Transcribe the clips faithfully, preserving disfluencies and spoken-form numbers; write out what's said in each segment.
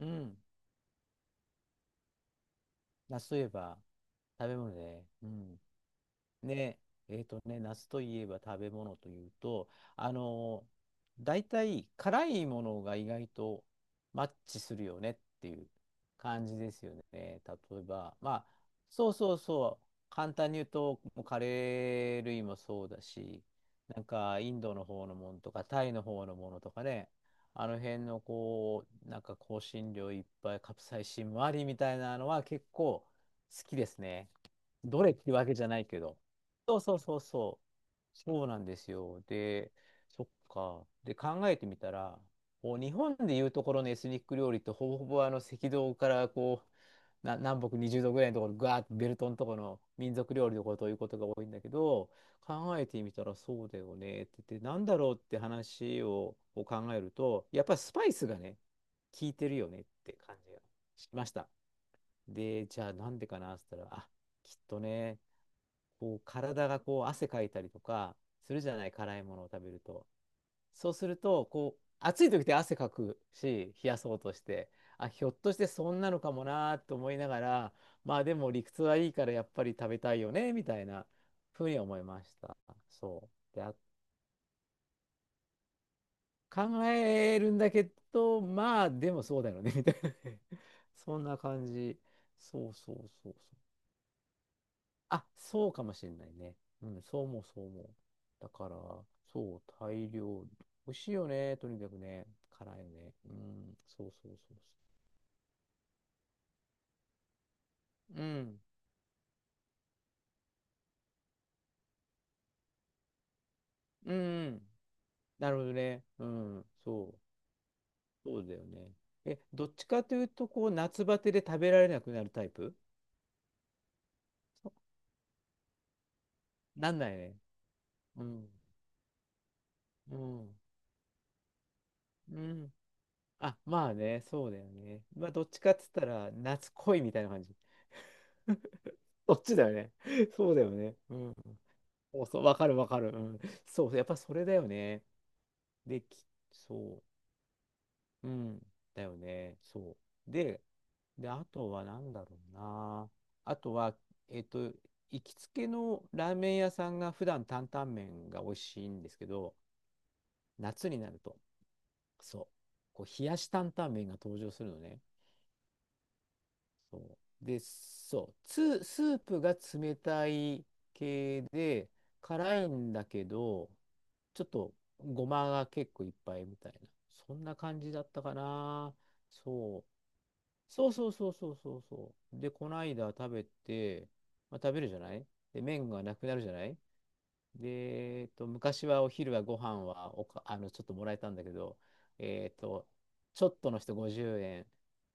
うん。あ、そういえば、食べ物で、うん。ね、えっとね、夏といえば食べ物というと、あのー、大体辛いものが意外とマッチするよねっていう感じですよね。例えば、まあ、そうそうそう、簡単に言うと、もうカレー類もそうだし、なんかインドの方のものとか、タイの方のものとかね、あの辺のこう、なんか香辛料いっぱい、カプサイシンもありみたいなのは結構好きですね。どれってわけじゃないけど。そうそうそうそう。そうなんですよ。で、そっか。で、考えてみたら、こう日本でいうところのエスニック料理ってほぼほぼあの赤道からこう、な、南北にじゅうどぐらいのところ、ガーッとベルトのところの民族料理のことをいうことが多いんだけど、考えてみたらそうだよねって言って、なんだろうって話をこう考えると、やっぱスパイスがね、効いてるよねって感じがしました。で、じゃあなんでかなって言ったら、あ、きっとね、こう体がこう汗かいたりとかするじゃない、辛いものを食べると。そうするとこう暑い時って汗かくし、冷やそうとして、あ、ひょっとしてそんなのかもなと思いながら、まあでも理屈はいいからやっぱり食べたいよねみたいなふうに思いました。そうで、あ、考えるんだけど、まあでもそうだよねみたいなね。 そんな感じ。そうそうそうそう。あ、そうかもしれないね。うん、そう思う、そう思う。だから、そう、タイ料理。美味しいよね、とにかくね。辛いよね。うん、そうそうそうそう。うん、うん。なるほどね。うん、そう、そうだよね。え、どっちかというと、こう、夏バテで食べられなくなるタイプ。そ、なんないね。うん、うん、うん。あ、まあね、そうだよね。まあ、どっちかっつったら、夏恋みたいな感じ。どっちだよね。そうだよね。うん。そうそう、わかるわかる。うん。そう、やっぱそれだよね。で、き、そう、うん。だよね。そう。で、で、あとは何だろうな。あとは、えっと、行きつけのラーメン屋さんが普段担々麺が美味しいんですけど、夏になると、そう、こう冷やし担々麺が登場するのね。そう。で、そう、つ、スープが冷たい系で、辛いんだけど、ちょっとごまが結構いっぱいみたいな。そんな感じだったかな。そう。そうそうそうそうそうそう。で、この間食べて、まあ、食べるじゃない。で、麺がなくなるじゃない。で、えっと、昔はお昼はご飯はおか、あの、ちょっともらえたんだけど、えっと、ちょっとの人ごじゅうえん。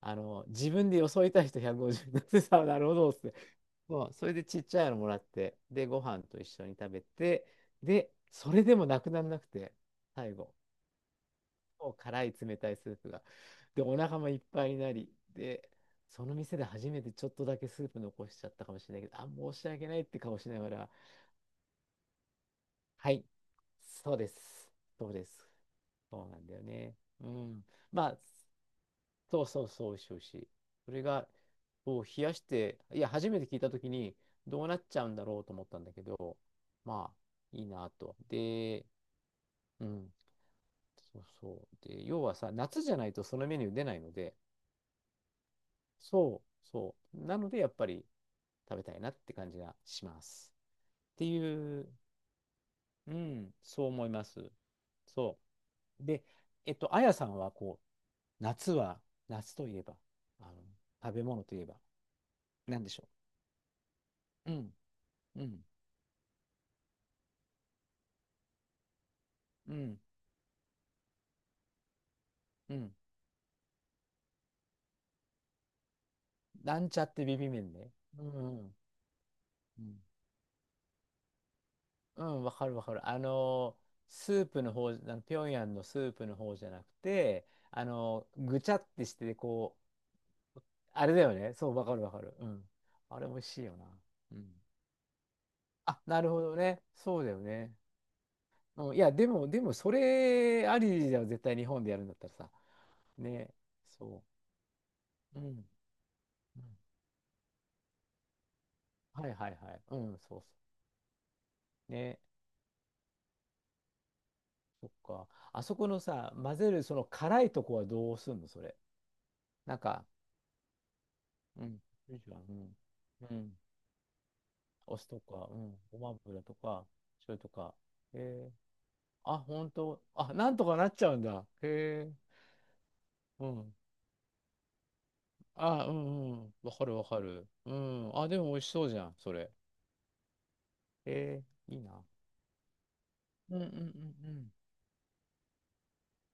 あの、自分でよそいた人ひゃくごじゅうえん。だってさ、なるほどっすね。そう、それでちっちゃいのもらって、で、ご飯と一緒に食べて、で、それでもなくならなくて、最後、もう辛い冷たいスープが。で、お腹もいっぱいになり、で、その店で初めてちょっとだけスープ残しちゃったかもしれないけど、あ、申し訳ないって顔しながら、はい、そうです、そうです、そうなんだよね。うん。まあ、そうそうそう、美味しい美味しい。それが、を冷やして、いや、初めて聞いたときに、どうなっちゃうんだろうと思ったんだけど、まあ、いいなと。で、うん、そうそう。で、要はさ、夏じゃないとそのメニュー出ないので、そうそう。なので、やっぱり食べたいなって感じがします。っていう、うん、そう思います。そう。で、えっと、あやさんは、こう、夏は、夏といえば、あの、食べ物といえば、なんでしょう。うん。うん、うん、うん。なんちゃってビビ麺ね。うん、うん。うん、わかるわかる。あのー、スープの方、あの、平壌のスープの方じゃなくて、あのー、ぐちゃってして、こう、あれだよね。そう、わかるわかる。うん。あれ美味しいよな。うん。あ、なるほどね。そうだよね。うん、いや、でも、でも、それありじゃん、絶対日本でやるんだったらさ。ね。そう。うん。うん、はいはいはい。うん、そうそう。ね。そっか。あそこのさ、混ぜるその辛いとこはどうすんの、それ。なんか、うん。よいしょ、うん。うん。お酢とか、うん。ごま油とか、醤油とか。へえ。あ、ほんと。あ、なんとかなっちゃうんだ。へえ。うん。あ、うんうん。わかるわかる。うん。あ、でも美味しそうじゃん、それ。へえ、いいな。うんうんうんうん。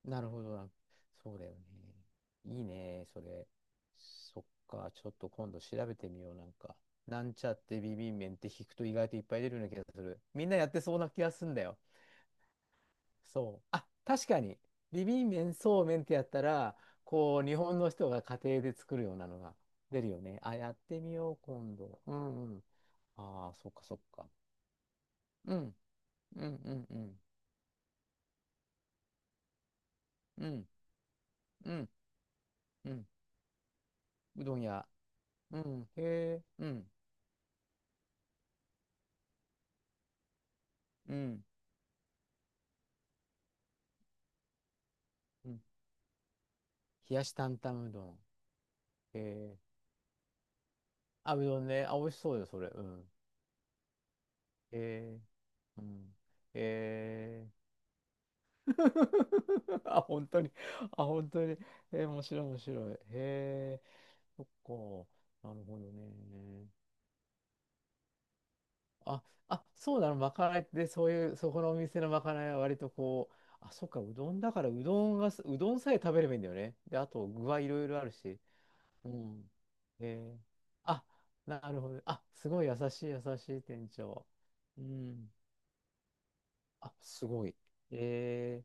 なるほどな。そうだよね。いいね、それ。そっか、ちょっと今度調べてみよう、なんか。なんちゃってビビン麺って引くと意外といっぱい出るような気がする。みんなやってそうな気がするんだよ。そう。あ、確かに。ビビン麺、そうめんってやったら、こう、日本の人が家庭で作るようなのが出るよね。あ、やってみよう、今度。うんうん。ああ、そっかそっか。うん、うん、うん、うん、うん、うん、うん。うどん屋。うん、へえ、うん、うん。うん、冷やし担々うどん。えー、あ、うどんね。あ、美味しそうよ、それ。うん。えー、うん。えー、あ、本当に。あ、本当に。えー、面白い、面白い。へえ、そっか。なるほどね。あ、あ、そうなの。まかないって、そういう、そこのお店のまかないは割とこう、あ、そっか、うどんだから、うどんがす、うどんさえ食べればいいんだよね。で、あと、具はいろいろあるし。うん。えー、あ、なるほど。あ、すごい優しい優しい店長。うん。あ、すごい。え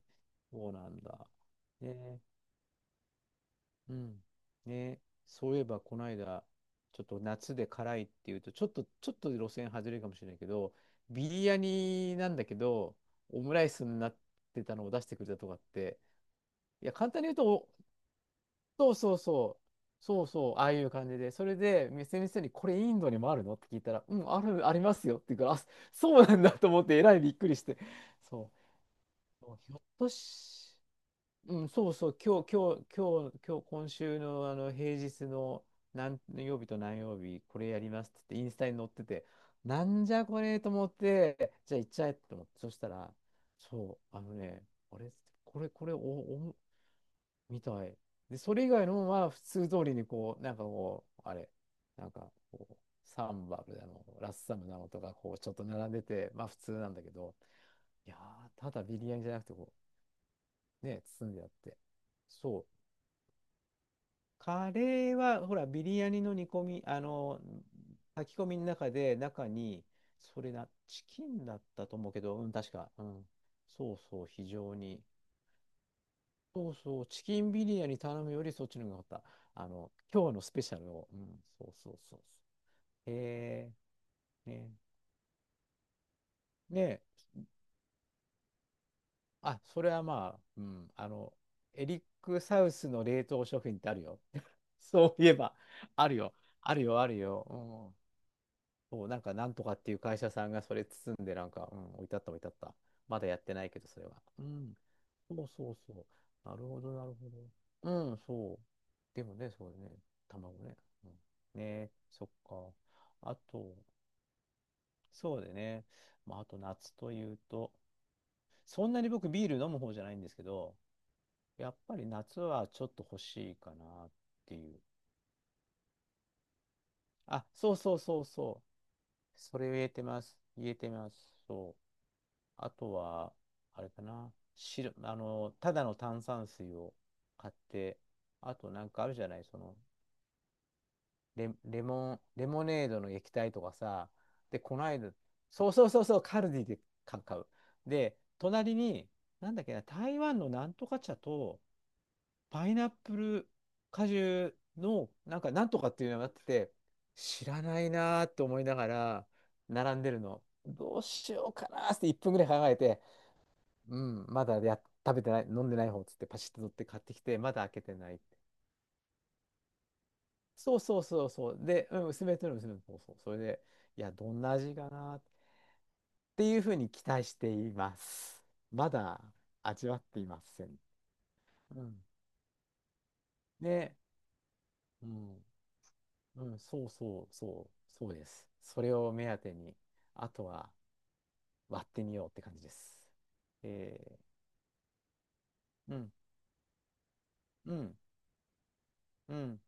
ー、そうなんだ。ね、うん。ね、そういえばこの間、ちょっと夏で辛いっていうと、ちょっと、ちょっと路線外れるかもしれないけど、ビリヤニなんだけど、オムライスになってたのを出してくれたとかって、いや、簡単に言うと、そうそうそう。そうそう、ああいう感じで。それで、店の人に、これインドにもあるのって聞いたら、うん、ある、ありますよって言うから、あ、そうなんだと思って、えらいびっくりして。そう。ひょっとし、うん、そうそう、今日、今日、今日、今日、今週の、あの、平日の何曜日と何曜日、これやりますって言って、インスタに載ってて、なんじゃこれと思って、じゃあ行っちゃえと思って、そしたら、そう、あのね、あれ、これ、これ、お、お、みたい。で、それ以外のは普通通りにこう、なんかこう、あれ、なんかこう、サンバルだの、ラッサムなのとか、こう、ちょっと並んでて、まあ普通なんだけど、いやー、ただビリヤニじゃなくて、こう、ね、包んであって。そう。カレーは、ほら、ビリヤニの煮込み、あの、炊き込みの中で、中に、それな、チキンだったと思うけど、うん、確か、うん。そうそう、非常に、そうそう、チキンビリヤに頼むよりそっちの方が良かった。あの、今日のスペシャルを。うん、そうそうそうそう。へえ、ね。で、あ、それはまあ、うん、あの、エリック・サウスの冷凍食品ってあるよ。そういえば、あるよ、あるよ、あるよ。そう、なんかなんとかっていう会社さんがそれ包んで、なんか、うん、置いてあった置いてあった。まだやってないけど、それは。うん。そうそうそう。なるほど、なるほど。うん、そう。でもね、そうね、卵ね。うん、ね、そっか。あと、そうでね、まあ、あと夏というと、そんなに僕ビール飲む方じゃないんですけど、やっぱり夏はちょっと欲しいかなっていう。あ、そうそうそうそう。それを言えてます。言えてます。そう。あとは、あれかな。白、あの、ただの炭酸水を買って、あとなんかあるじゃない、その、レ、レモン、レモネードの液体とかさ、で、こないだ、そうそうそうそう、カルディで買う。買う。で、隣に、なんだっけな、台湾のなんとか茶と、パイナップル果汁の、なんか、なんとかっていうのがあってて、知らないなーって思いながら、並んでるの。どうしようかなーっていっぷんぐらい考えて、うん、まだや、食べてない、飲んでない方っつって、パシッと取って買ってきて、まだ開けてないって。そうそうそうそう。で、うん、娘との娘の、そうそう。それで、いや、どんな味かなーっていうふうに期待しています。まだ味わっていません。うん。で、うん。うん、そうそうそう、そうです。それを目当てに、あとは割ってみようって感じです。えー、うん、うん、うん。